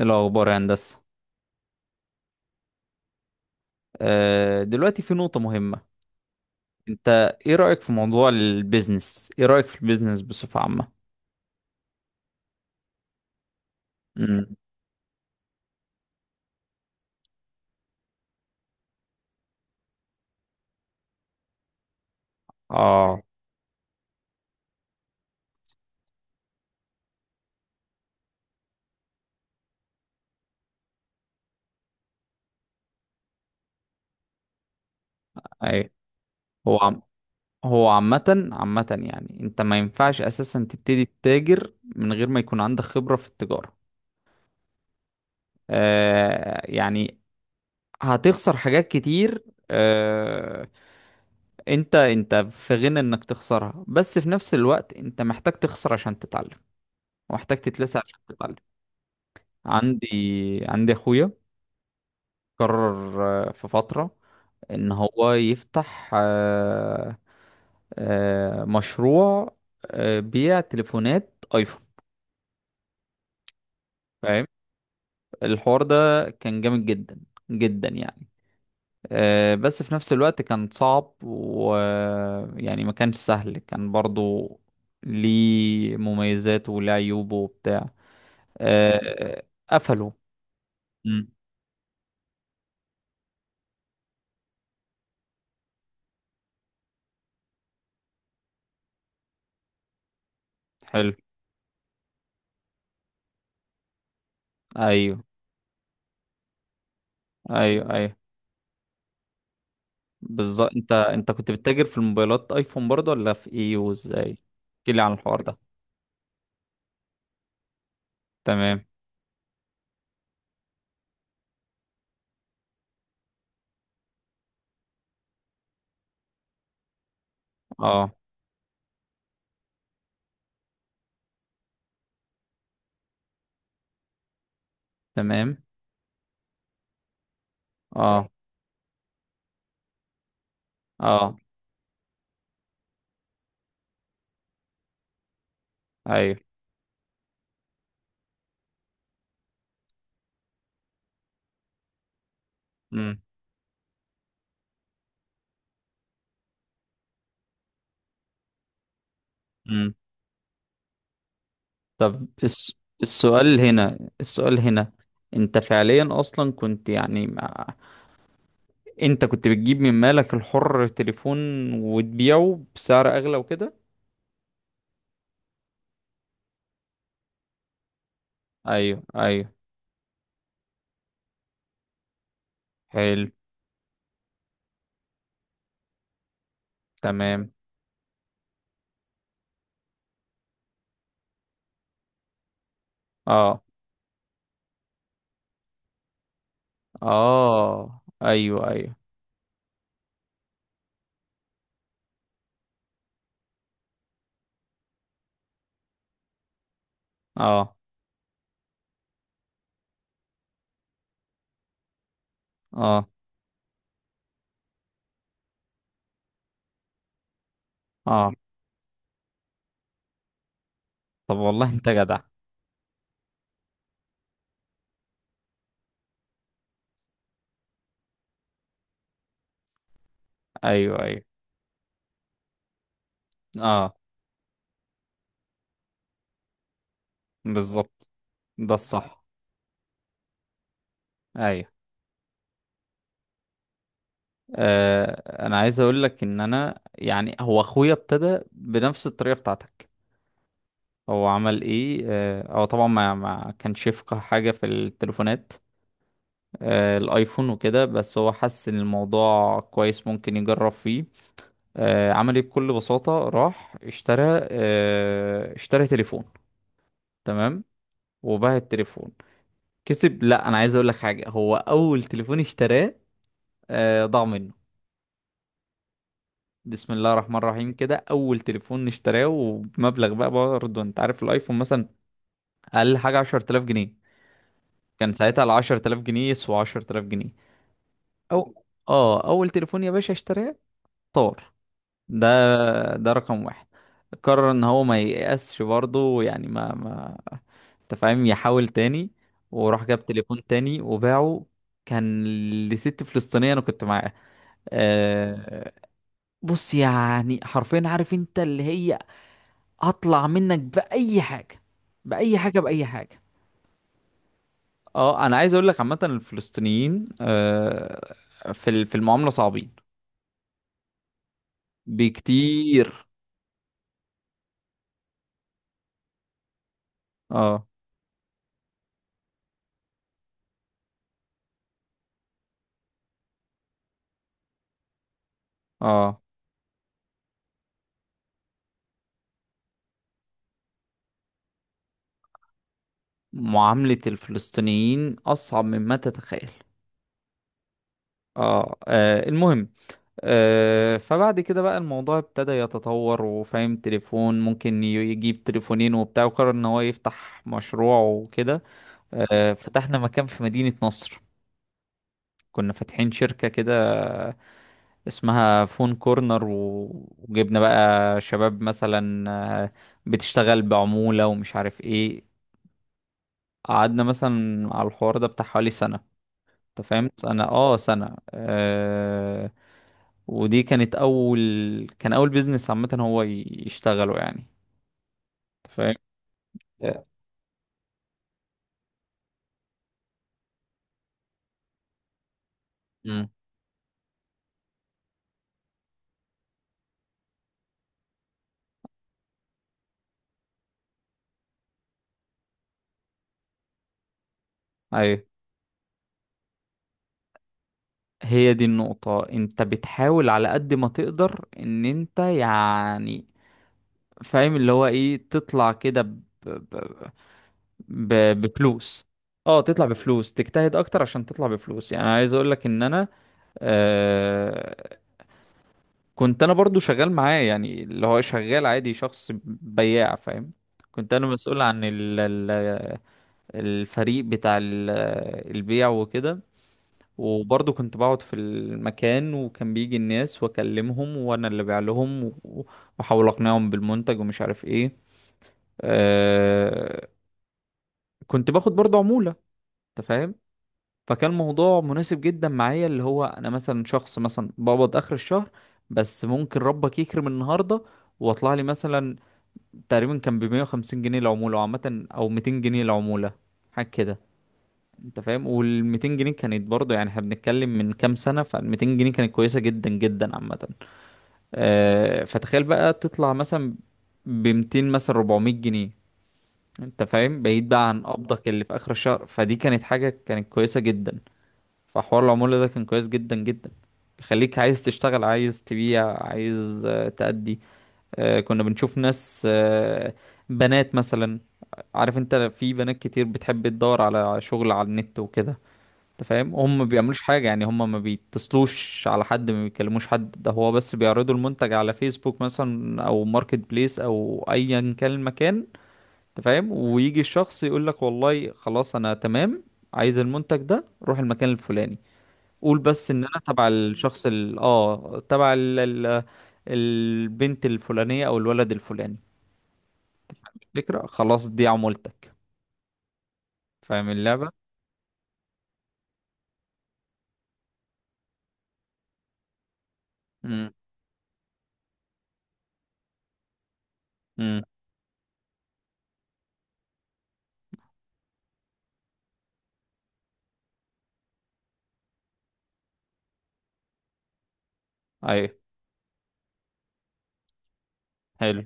إيه الأخبار يا هندسة؟ دلوقتي في نقطة مهمة. أنت إيه رأيك في موضوع البيزنس؟ إيه رأيك في البيزنس بصفة عامة؟ امم. آه. أي. هو عم... هو عامة عامة، يعني أنت ما ينفعش أساسا تبتدي تتاجر من غير ما يكون عندك خبرة في التجارة. يعني هتخسر حاجات كتير. آه، انت في غنى انك تخسرها، بس في نفس الوقت انت محتاج تخسر عشان تتعلم ومحتاج تتلسع عشان تتعلم. عندي عندي اخويا قرر، في فترة، ان هو يفتح مشروع، بيع تليفونات ايفون، فاهم؟ الحوار ده كان جامد جدا جدا يعني. بس في نفس الوقت كان صعب، ويعني ما كانش سهل، كان برضو ليه مميزات وليه عيوبه وبتاع. آه، قفلوا. مم. حلو. ايوه، ايوه، ايوه. بالظبط، انت كنت بتتاجر في الموبايلات ايفون برضه، ولا في ايه وازاي؟ احكي لي عن الحوار ده. تمام. اه. تمام. اه. اه. ايوه. امم. امم. طب الس... السؤال هنا، السؤال هنا، انت فعليا اصلا كنت يعني انت كنت بتجيب من مالك الحر تليفون وتبيعه بسعر اغلى وكده؟ ايوه، ايوه. حلو. تمام. اه. اه. ايوه، ايوه. اه. اه. اه. طب، والله انت جدع. ايوه، ايوه. اه، بالظبط. ده الصح. ايوه، آه انا عايز اقول لك ان انا، يعني هو اخويا ابتدى بنفس الطريقه بتاعتك. هو عمل ايه؟ هو طبعا ما كانش يفقه حاجه في التليفونات، الايفون وكده، بس هو حس ان الموضوع كويس ممكن يجرب فيه. عمل ايه؟ بكل بساطه راح اشترى تليفون، تمام؟ وباع التليفون. كسب؟ لا، انا عايز اقول لك حاجه، هو اول تليفون اشتراه ضاع منه. بسم الله الرحمن الرحيم كده اول تليفون نشتراه، ومبلغ بقى برضه، انت عارف الايفون مثلا اقل حاجه 10000 جنيه. كان ساعتها ال 10000 جنيه يسوى 10000 جنيه. او اول تليفون يا باشا اشتراه طار. ده ده رقم واحد. قرر ان هو ما ييأسش برضه، يعني ما ما انت فاهم، يحاول تاني، وراح جاب تليفون تاني وباعه. كان لست فلسطينيه، انا كنت معاه. آه، بص يعني حرفيا، عارف انت اللي هي هطلع منك بأي حاجة، بأي حاجة، بأي حاجة. اه انا عايز اقول لك عامه الفلسطينيين، في المعامله صعبين بكتير. اه. اه. معامله الفلسطينيين اصعب مما تتخيل. اه، المهم، فبعد كده بقى الموضوع ابتدى يتطور، وفاهم تليفون ممكن يجيب تليفونين وبتاع، وقرر ان هو يفتح مشروع وكده. فتحنا مكان في مدينة نصر. كنا فاتحين شركة كده اسمها فون كورنر، وجبنا بقى شباب مثلا آه، بتشتغل بعمولة ومش عارف ايه. قعدنا مثلا على الحوار ده بتاع حوالي سنة، انت فاهم، سنة ودي كان أول بيزنس عامة هو يشتغله يعني، انت فاهم؟ امم. ايوه، هي دي النقطة. انت بتحاول على قد ما تقدر ان انت يعني فاهم، اللي هو ايه، تطلع كده ب... بفلوس. اه، تطلع بفلوس، تجتهد اكتر عشان تطلع بفلوس. يعني أنا عايز اقول لك ان انا، آه كنت انا برضو شغال معاه، يعني اللي هو شغال عادي، شخص بياع، فاهم؟ كنت انا مسؤول عن الفريق بتاع البيع وكده. وبرضو كنت بقعد في المكان وكان بيجي الناس واكلمهم، وانا اللي بيع لهم واحاول اقنعهم بالمنتج ومش عارف ايه. آه كنت باخد برضو عمولة، انت فاهم، فكان موضوع مناسب جدا معايا، اللي هو انا مثلا شخص مثلا بقبض اخر الشهر، بس ممكن ربك يكرم النهارده واطلع لي مثلا، تقريبا كان ب 150 جنيه العموله عامه، او 200 جنيه العموله، حاجه كده، انت فاهم. وال 200 جنيه كانت برضه، يعني احنا بنتكلم من كام سنه، فال 200 جنيه كانت كويسه جدا جدا عامه. فتخيل بقى تطلع مثلا ب 200، مثلا 400 جنيه، انت فاهم، بعيد بقى عن قبضك اللي في اخر الشهر، فدي كانت حاجه كانت كويسه جدا. فحوار العمولة ده كان كويس جدا جدا، يخليك عايز تشتغل، عايز تبيع، عايز تأدي. كنا بنشوف ناس، بنات مثلا. عارف انت، في بنات كتير بتحب تدور على شغل على النت وكده، انت فاهم، هم ما بيعملوش حاجة، يعني هم ما بيتصلوش على حد، ما بيكلموش حد، ده هو بس بيعرضوا المنتج على فيسبوك مثلا او ماركت بليس او ايا كان المكان، انت فاهم، ويجي الشخص يقول لك والله خلاص انا تمام، عايز المنتج ده، روح المكان الفلاني، قول بس ان انا تبع الشخص ال اه تبع ال... ال... البنت الفلانية او الولد الفلاني، فكرة. خلاص، دي عمولتك، فاهم اللعبة؟ امم. امم. ايوه. حلو.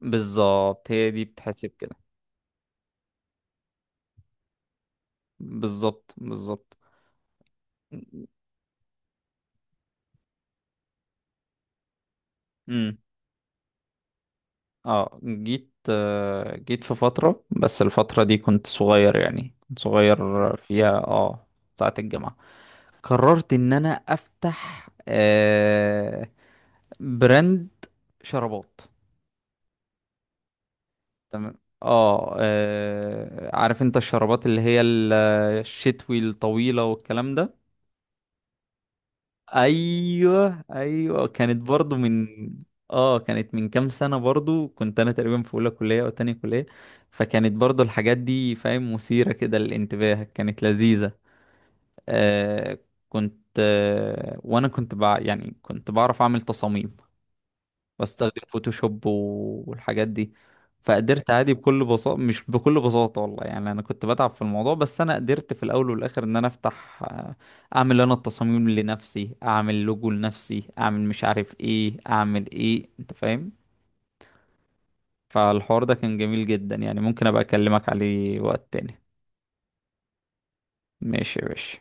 بالظبط، هي دي بتحسب كده. بالظبط، بالظبط. امم. اه، جيت في فترة، بس الفترة دي كنت صغير يعني، كنت صغير فيها، ساعة الجامعة، قررت ان انا افتح براند شرابات، تمام. اه، عارف انت الشربات اللي هي الشتوي الطويلة والكلام ده. ايوه، ايوه. كانت برضو من اه كانت من كام سنة، برضو كنت انا تقريبا في اولى كلية او تانية كلية، فكانت برضو الحاجات دي، فاهم، مثيرة كده للانتباه، كانت لذيذة. آه كنت، وانا كنت يعني كنت بعرف اعمل تصاميم، بستخدم فوتوشوب والحاجات دي. فقدرت عادي بكل بساطة، مش بكل بساطة والله، يعني أنا كنت بتعب في الموضوع، بس أنا قدرت في الأول والآخر إن أنا أفتح، أعمل أنا التصاميم لنفسي، أعمل لوجو لنفسي، أعمل مش عارف إيه، أعمل إيه، أنت فاهم. فالحوار ده كان جميل جدا، يعني ممكن أبقى أكلمك عليه وقت تاني. ماشي يا باشا.